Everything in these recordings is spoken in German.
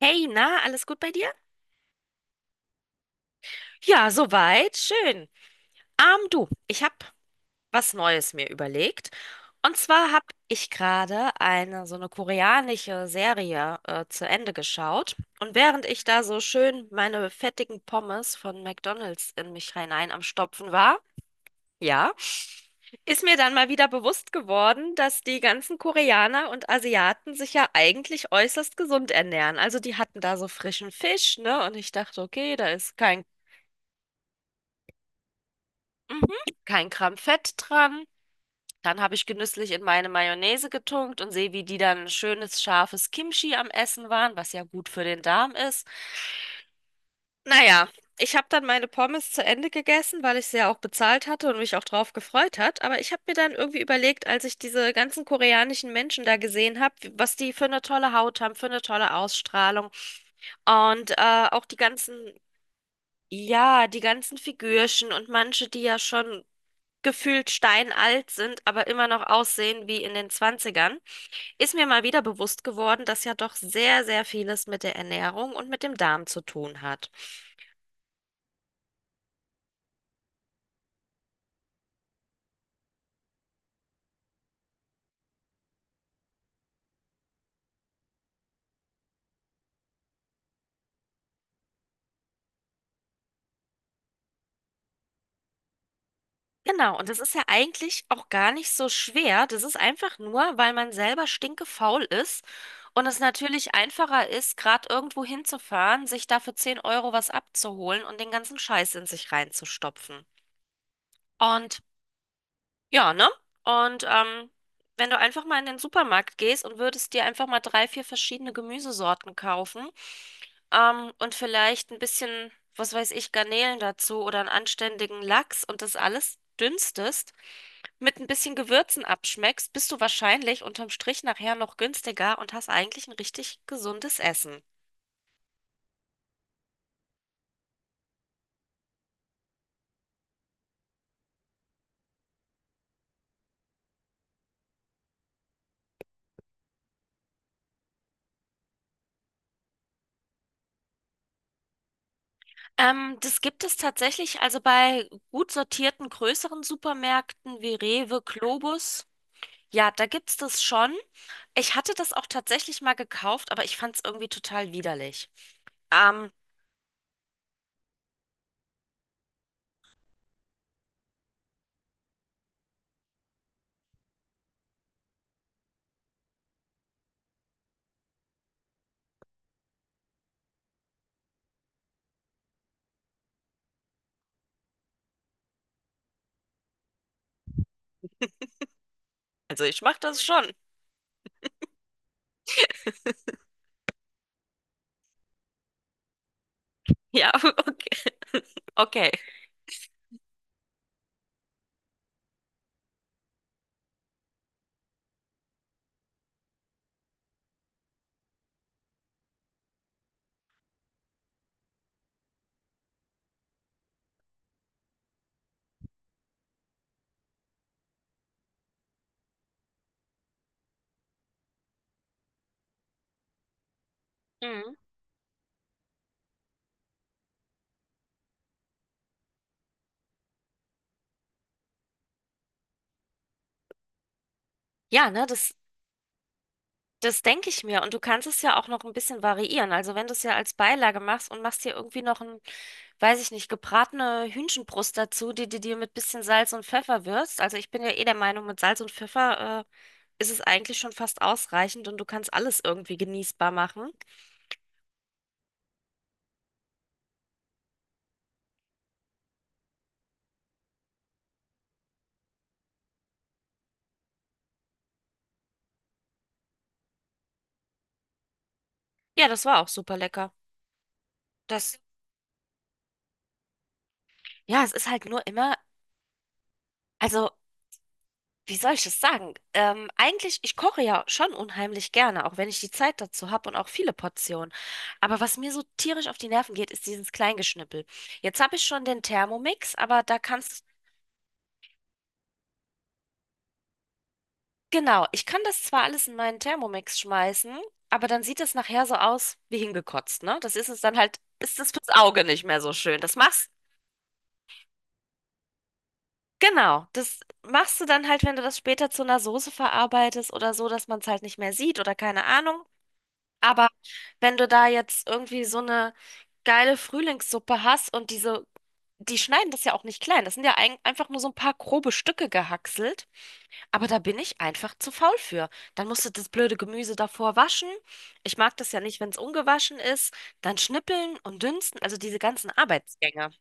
Hey, na, alles gut bei dir? Ja, soweit, schön. Du, ich habe was Neues mir überlegt. Und zwar habe ich gerade eine so eine koreanische Serie zu Ende geschaut. Und während ich da so schön meine fettigen Pommes von McDonald's in mich hinein am Stopfen war, ja, ist mir dann mal wieder bewusst geworden, dass die ganzen Koreaner und Asiaten sich ja eigentlich äußerst gesund ernähren. Also die hatten da so frischen Fisch, ne? Und ich dachte, okay, da ist kein Mhm. Kein Gramm Fett dran. Dann habe ich genüsslich in meine Mayonnaise getunkt und sehe, wie die dann ein schönes, scharfes Kimchi am Essen waren, was ja gut für den Darm ist. Naja, ich habe dann meine Pommes zu Ende gegessen, weil ich sie ja auch bezahlt hatte und mich auch drauf gefreut hat. Aber ich habe mir dann irgendwie überlegt, als ich diese ganzen koreanischen Menschen da gesehen habe, was die für eine tolle Haut haben, für eine tolle Ausstrahlung und auch die ganzen. Ja, die ganzen Figürchen und manche, die ja schon gefühlt steinalt sind, aber immer noch aussehen wie in den Zwanzigern, ist mir mal wieder bewusst geworden, dass ja doch sehr, sehr vieles mit der Ernährung und mit dem Darm zu tun hat. Genau, und das ist ja eigentlich auch gar nicht so schwer. Das ist einfach nur, weil man selber stinkefaul ist und es natürlich einfacher ist, gerade irgendwo hinzufahren, sich da für 10 € was abzuholen und den ganzen Scheiß in sich reinzustopfen. Und ja, ne? Und wenn du einfach mal in den Supermarkt gehst und würdest dir einfach mal drei, vier verschiedene Gemüsesorten kaufen und vielleicht ein bisschen, was weiß ich, Garnelen dazu oder einen anständigen Lachs und das alles dünstest, mit ein bisschen Gewürzen abschmeckst, bist du wahrscheinlich unterm Strich nachher noch günstiger und hast eigentlich ein richtig gesundes Essen. Das gibt es tatsächlich also bei gut sortierten größeren Supermärkten wie Rewe, Globus. Ja, da gibt's das schon. Ich hatte das auch tatsächlich mal gekauft, aber ich fand es irgendwie total widerlich. Ähm, also ich mache das schon. Ja, okay. Okay. Mhm. Ja, ne, das denke ich mir. Und du kannst es ja auch noch ein bisschen variieren. Also wenn du es ja als Beilage machst und machst dir irgendwie noch ein, weiß ich nicht, gebratene Hühnchenbrust dazu, die du dir mit bisschen Salz und Pfeffer würzt. Also ich bin ja eh der Meinung, mit Salz und Pfeffer, ist es eigentlich schon fast ausreichend und du kannst alles irgendwie genießbar machen. Ja, das war auch super lecker. Das, ja, es ist halt nur immer, also wie soll ich das sagen? Eigentlich, ich koche ja schon unheimlich gerne, auch wenn ich die Zeit dazu habe und auch viele Portionen. Aber was mir so tierisch auf die Nerven geht, ist dieses Kleingeschnippel. Jetzt habe ich schon den Thermomix, aber genau, ich kann das zwar alles in meinen Thermomix schmeißen, aber dann sieht das nachher so aus wie hingekotzt, ne? Das ist es dann halt, ist das fürs Auge nicht mehr so schön. Genau, das machst du dann halt, wenn du das später zu einer Soße verarbeitest oder so, dass man es halt nicht mehr sieht oder keine Ahnung. Aber wenn du da jetzt irgendwie so eine geile Frühlingssuppe hast und die schneiden das ja auch nicht klein. Das sind ja einfach nur so ein paar grobe Stücke gehackselt. Aber da bin ich einfach zu faul für. Dann musst du das blöde Gemüse davor waschen. Ich mag das ja nicht, wenn es ungewaschen ist. Dann schnippeln und dünsten. Also diese ganzen Arbeitsgänge.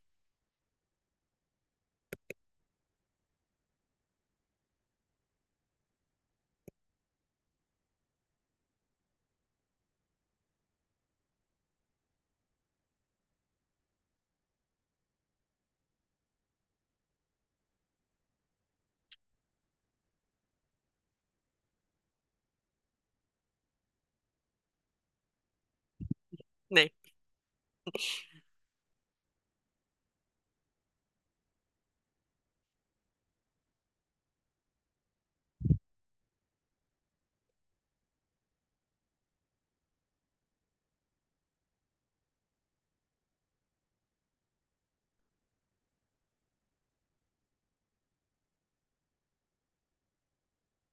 Nee.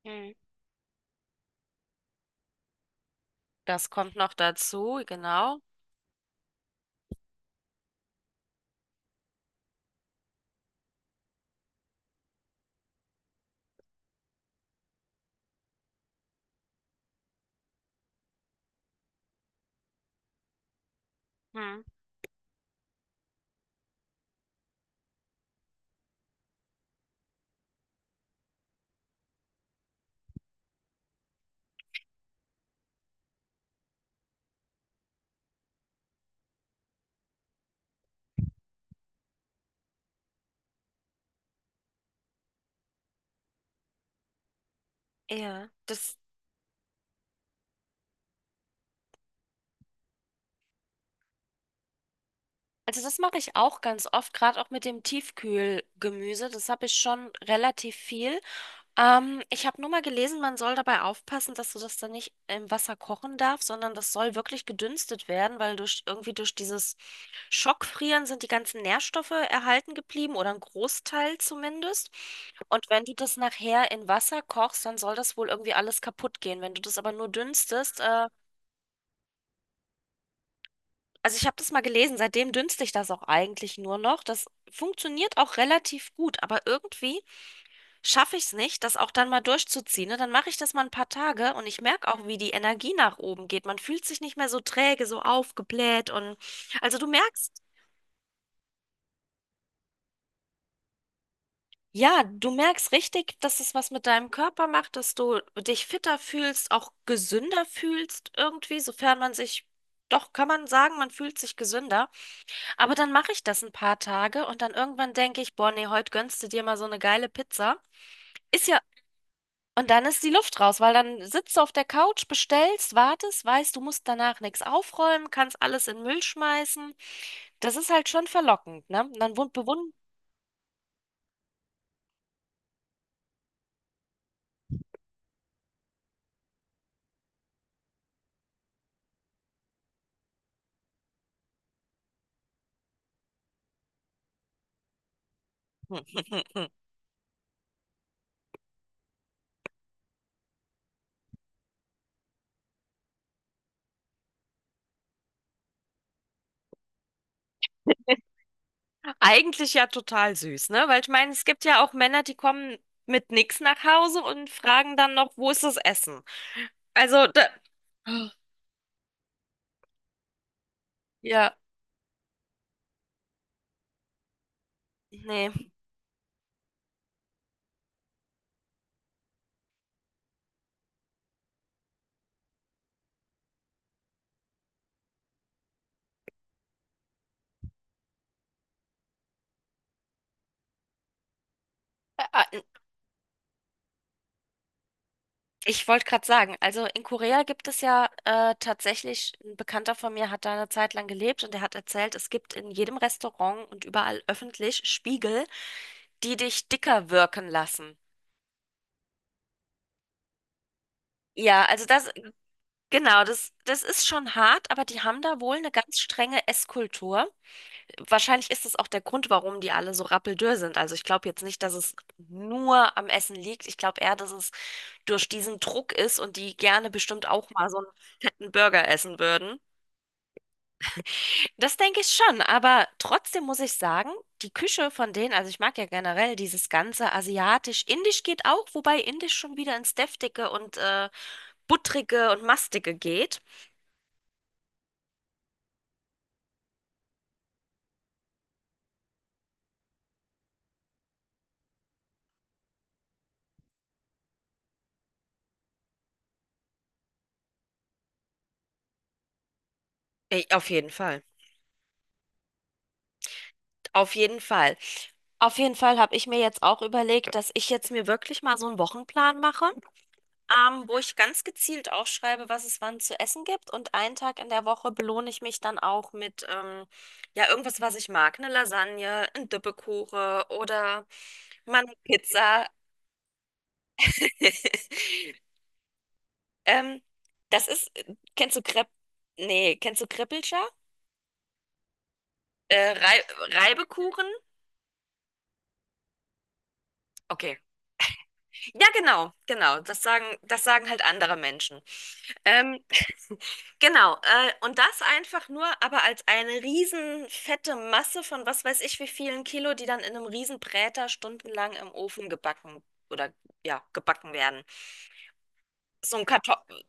Hm. Das kommt noch dazu, genau. Hm. Ja, das. Also das mache ich auch ganz oft, gerade auch mit dem Tiefkühlgemüse. Das habe ich schon relativ viel. Ich habe nur mal gelesen, man soll dabei aufpassen, dass du das dann nicht im Wasser kochen darfst, sondern das soll wirklich gedünstet werden, weil durch irgendwie durch dieses Schockfrieren sind die ganzen Nährstoffe erhalten geblieben oder ein Großteil zumindest. Und wenn du das nachher in Wasser kochst, dann soll das wohl irgendwie alles kaputt gehen. Wenn du das aber nur dünstest, also ich habe das mal gelesen, seitdem dünstle ich das auch eigentlich nur noch. Das funktioniert auch relativ gut, aber irgendwie schaffe ich es nicht, das auch dann mal durchzuziehen. Ne? Dann mache ich das mal ein paar Tage und ich merke auch, wie die Energie nach oben geht. Man fühlt sich nicht mehr so träge, so aufgebläht und also du merkst, ja, du merkst richtig, dass es was mit deinem Körper macht, dass du dich fitter fühlst, auch gesünder fühlst irgendwie, sofern man sich, doch kann man sagen, man fühlt sich gesünder. Aber dann mache ich das ein paar Tage und dann irgendwann denke ich, boah, nee, heute gönnst du dir mal so eine geile Pizza. Ist ja, und dann ist die Luft raus, weil dann sitzt du auf der Couch, bestellst, wartest, weißt, du musst danach nichts aufräumen, kannst alles in den Müll schmeißen. Das ist halt schon verlockend, ne? Und dann bewundern. Eigentlich ja total süß, ne? Weil ich meine, es gibt ja auch Männer, die kommen mit nichts nach Hause und fragen dann noch, wo ist das Essen? Also, da, ja, nee. Ä- Ich wollte gerade sagen, also in Korea gibt es ja tatsächlich, ein Bekannter von mir hat da eine Zeit lang gelebt und der hat erzählt, es gibt in jedem Restaurant und überall öffentlich Spiegel, die dich dicker wirken lassen. Ja, also das, genau, das ist schon hart, aber die haben da wohl eine ganz strenge Esskultur. Wahrscheinlich ist das auch der Grund, warum die alle so rappeldürr sind. Also ich glaube jetzt nicht, dass es nur am Essen liegt. Ich glaube eher, dass es durch diesen Druck ist und die gerne bestimmt auch mal so einen fetten Burger essen würden. Das denke ich schon, aber trotzdem muss ich sagen, die Küche von denen, also ich mag ja generell dieses ganze asiatisch, indisch geht auch, wobei indisch schon wieder ins deftige und buttrige und mastige geht. Auf jeden Fall, auf jeden Fall. Auf jeden Fall habe ich mir jetzt auch überlegt, dass ich jetzt mir wirklich mal so einen Wochenplan mache. Wo ich ganz gezielt aufschreibe, was es wann zu essen gibt. Und einen Tag in der Woche belohne ich mich dann auch mit ja, irgendwas, was ich mag. Eine Lasagne, ein Dippekuchen oder mal eine Pizza. Ähm, Das ist, kennst du Krepp? Nee, kennst du Krippelscher? Äh, Rei Reibekuchen? Okay. Ja, genau, genau. Das sagen halt andere Menschen. Ähm, genau. Und das einfach nur, aber als eine riesen fette Masse von was weiß ich wie vielen Kilo, die dann in einem riesen Bräter stundenlang im Ofen gebacken oder ja, gebacken werden. So ein Kartoffel.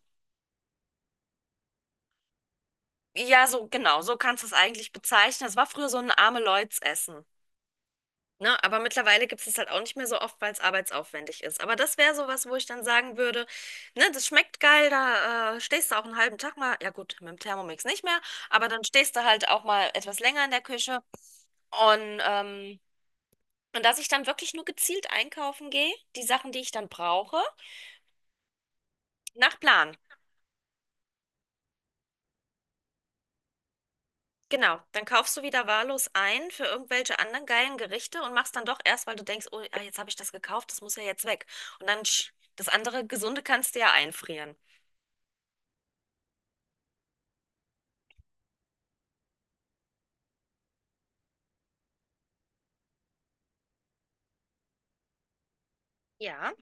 Ja, so genau, so kannst du es eigentlich bezeichnen. Es war früher so ein arme Leuts-Essen. Ne? Aber mittlerweile gibt es es halt auch nicht mehr so oft, weil es arbeitsaufwendig ist. Aber das wäre sowas, wo ich dann sagen würde, ne, das schmeckt geil, da stehst du auch einen halben Tag mal, ja gut, mit dem Thermomix nicht mehr, aber dann stehst du halt auch mal etwas länger in der Küche. Und, dass ich dann wirklich nur gezielt einkaufen gehe, die Sachen, die ich dann brauche, nach Plan. Genau, dann kaufst du wieder wahllos ein für irgendwelche anderen geilen Gerichte und machst dann doch erst, weil du denkst, oh, ah, jetzt habe ich das gekauft, das muss ja jetzt weg. Und dann das andere Gesunde kannst du ja einfrieren. Ja,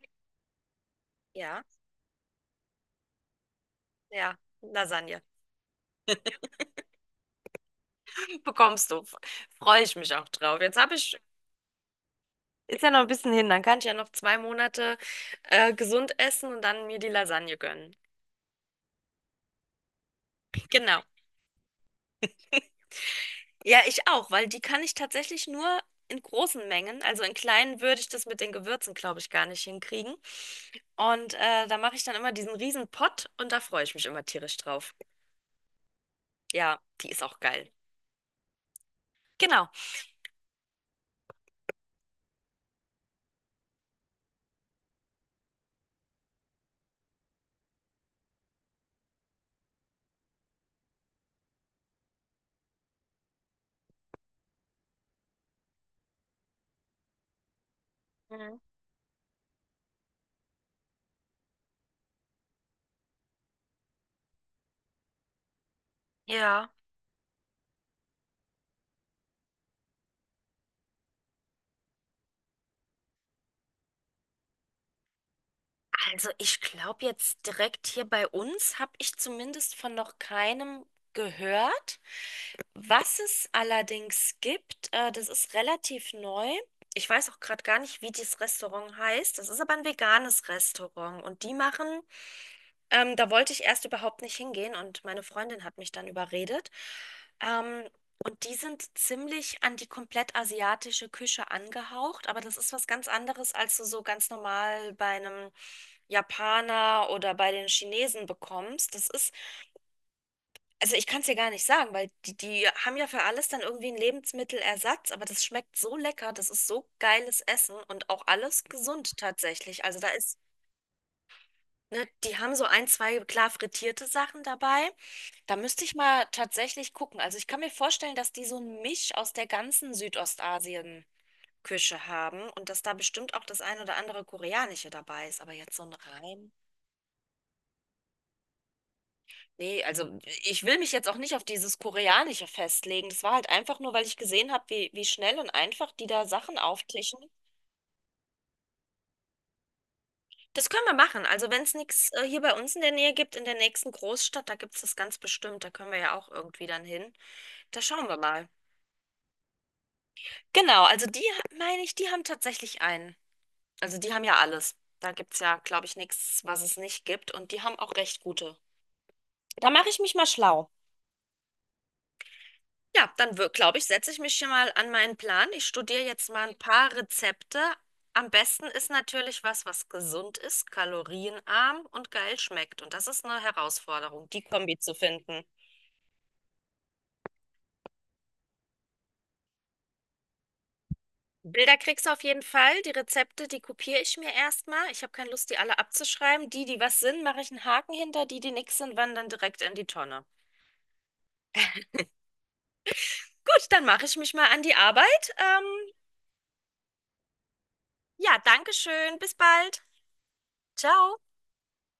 ja, ja. Lasagne bekommst du. Freue ich mich auch drauf. Ist ja noch ein bisschen hin, dann kann ich ja noch 2 Monate gesund essen und dann mir die Lasagne gönnen. Genau. Ja, ich auch, weil die kann ich tatsächlich nur in großen Mengen. Also in kleinen würde ich das mit den Gewürzen, glaube ich, gar nicht hinkriegen. Und da mache ich dann immer diesen riesen Pott und da freue ich mich immer tierisch drauf. Ja, die ist auch geil. Genau. Mhm. Ja. Also ich glaube jetzt direkt hier bei uns habe ich zumindest von noch keinem gehört. Was es allerdings gibt, das ist relativ neu. Ich weiß auch gerade gar nicht, wie dieses Restaurant heißt. Das ist aber ein veganes Restaurant und die machen da wollte ich erst überhaupt nicht hingehen und meine Freundin hat mich dann überredet. Ähm, und die sind ziemlich an die komplett asiatische Küche angehaucht, aber das ist was ganz anderes, als du so ganz normal bei einem Japaner oder bei den Chinesen bekommst. Das ist, also ich kann es dir gar nicht sagen, weil die haben ja für alles dann irgendwie einen Lebensmittelersatz, aber das schmeckt so lecker, das ist so geiles Essen und auch alles gesund tatsächlich. Also da ist, ne, die haben so ein, zwei klar frittierte Sachen dabei. Da müsste ich mal tatsächlich gucken. Also ich kann mir vorstellen, dass die so ein Misch aus der ganzen Südostasien-Küche haben und dass da bestimmt auch das ein oder andere Koreanische dabei ist. Aber jetzt so ein rein. Nee, also ich will mich jetzt auch nicht auf dieses Koreanische festlegen. Das war halt einfach nur, weil ich gesehen habe, wie schnell und einfach die da Sachen auftischen. Das können wir machen. Also wenn es nichts hier bei uns in der Nähe gibt, in der nächsten Großstadt, da gibt es das ganz bestimmt. Da können wir ja auch irgendwie dann hin. Da schauen wir mal. Genau, also die, meine ich, die haben tatsächlich einen. Also die haben ja alles. Da gibt's ja, glaube ich, nichts, was es nicht gibt. Und die haben auch recht gute. Da mache ich mich mal schlau. Ja, dann glaube ich, setze ich mich hier mal an meinen Plan. Ich studiere jetzt mal ein paar Rezepte. Am besten ist natürlich was, was gesund ist, kalorienarm und geil schmeckt. Und das ist eine Herausforderung, die Kombi zu finden. Bilder kriegst du auf jeden Fall. Die Rezepte, die kopiere ich mir erstmal. Ich habe keine Lust, die alle abzuschreiben. Die, die was sind, mache ich einen Haken hinter. Die, die nix sind, wandern direkt in die Tonne. Gut, dann mache ich mich mal an die Arbeit. Ja, danke schön. Bis bald. Ciao.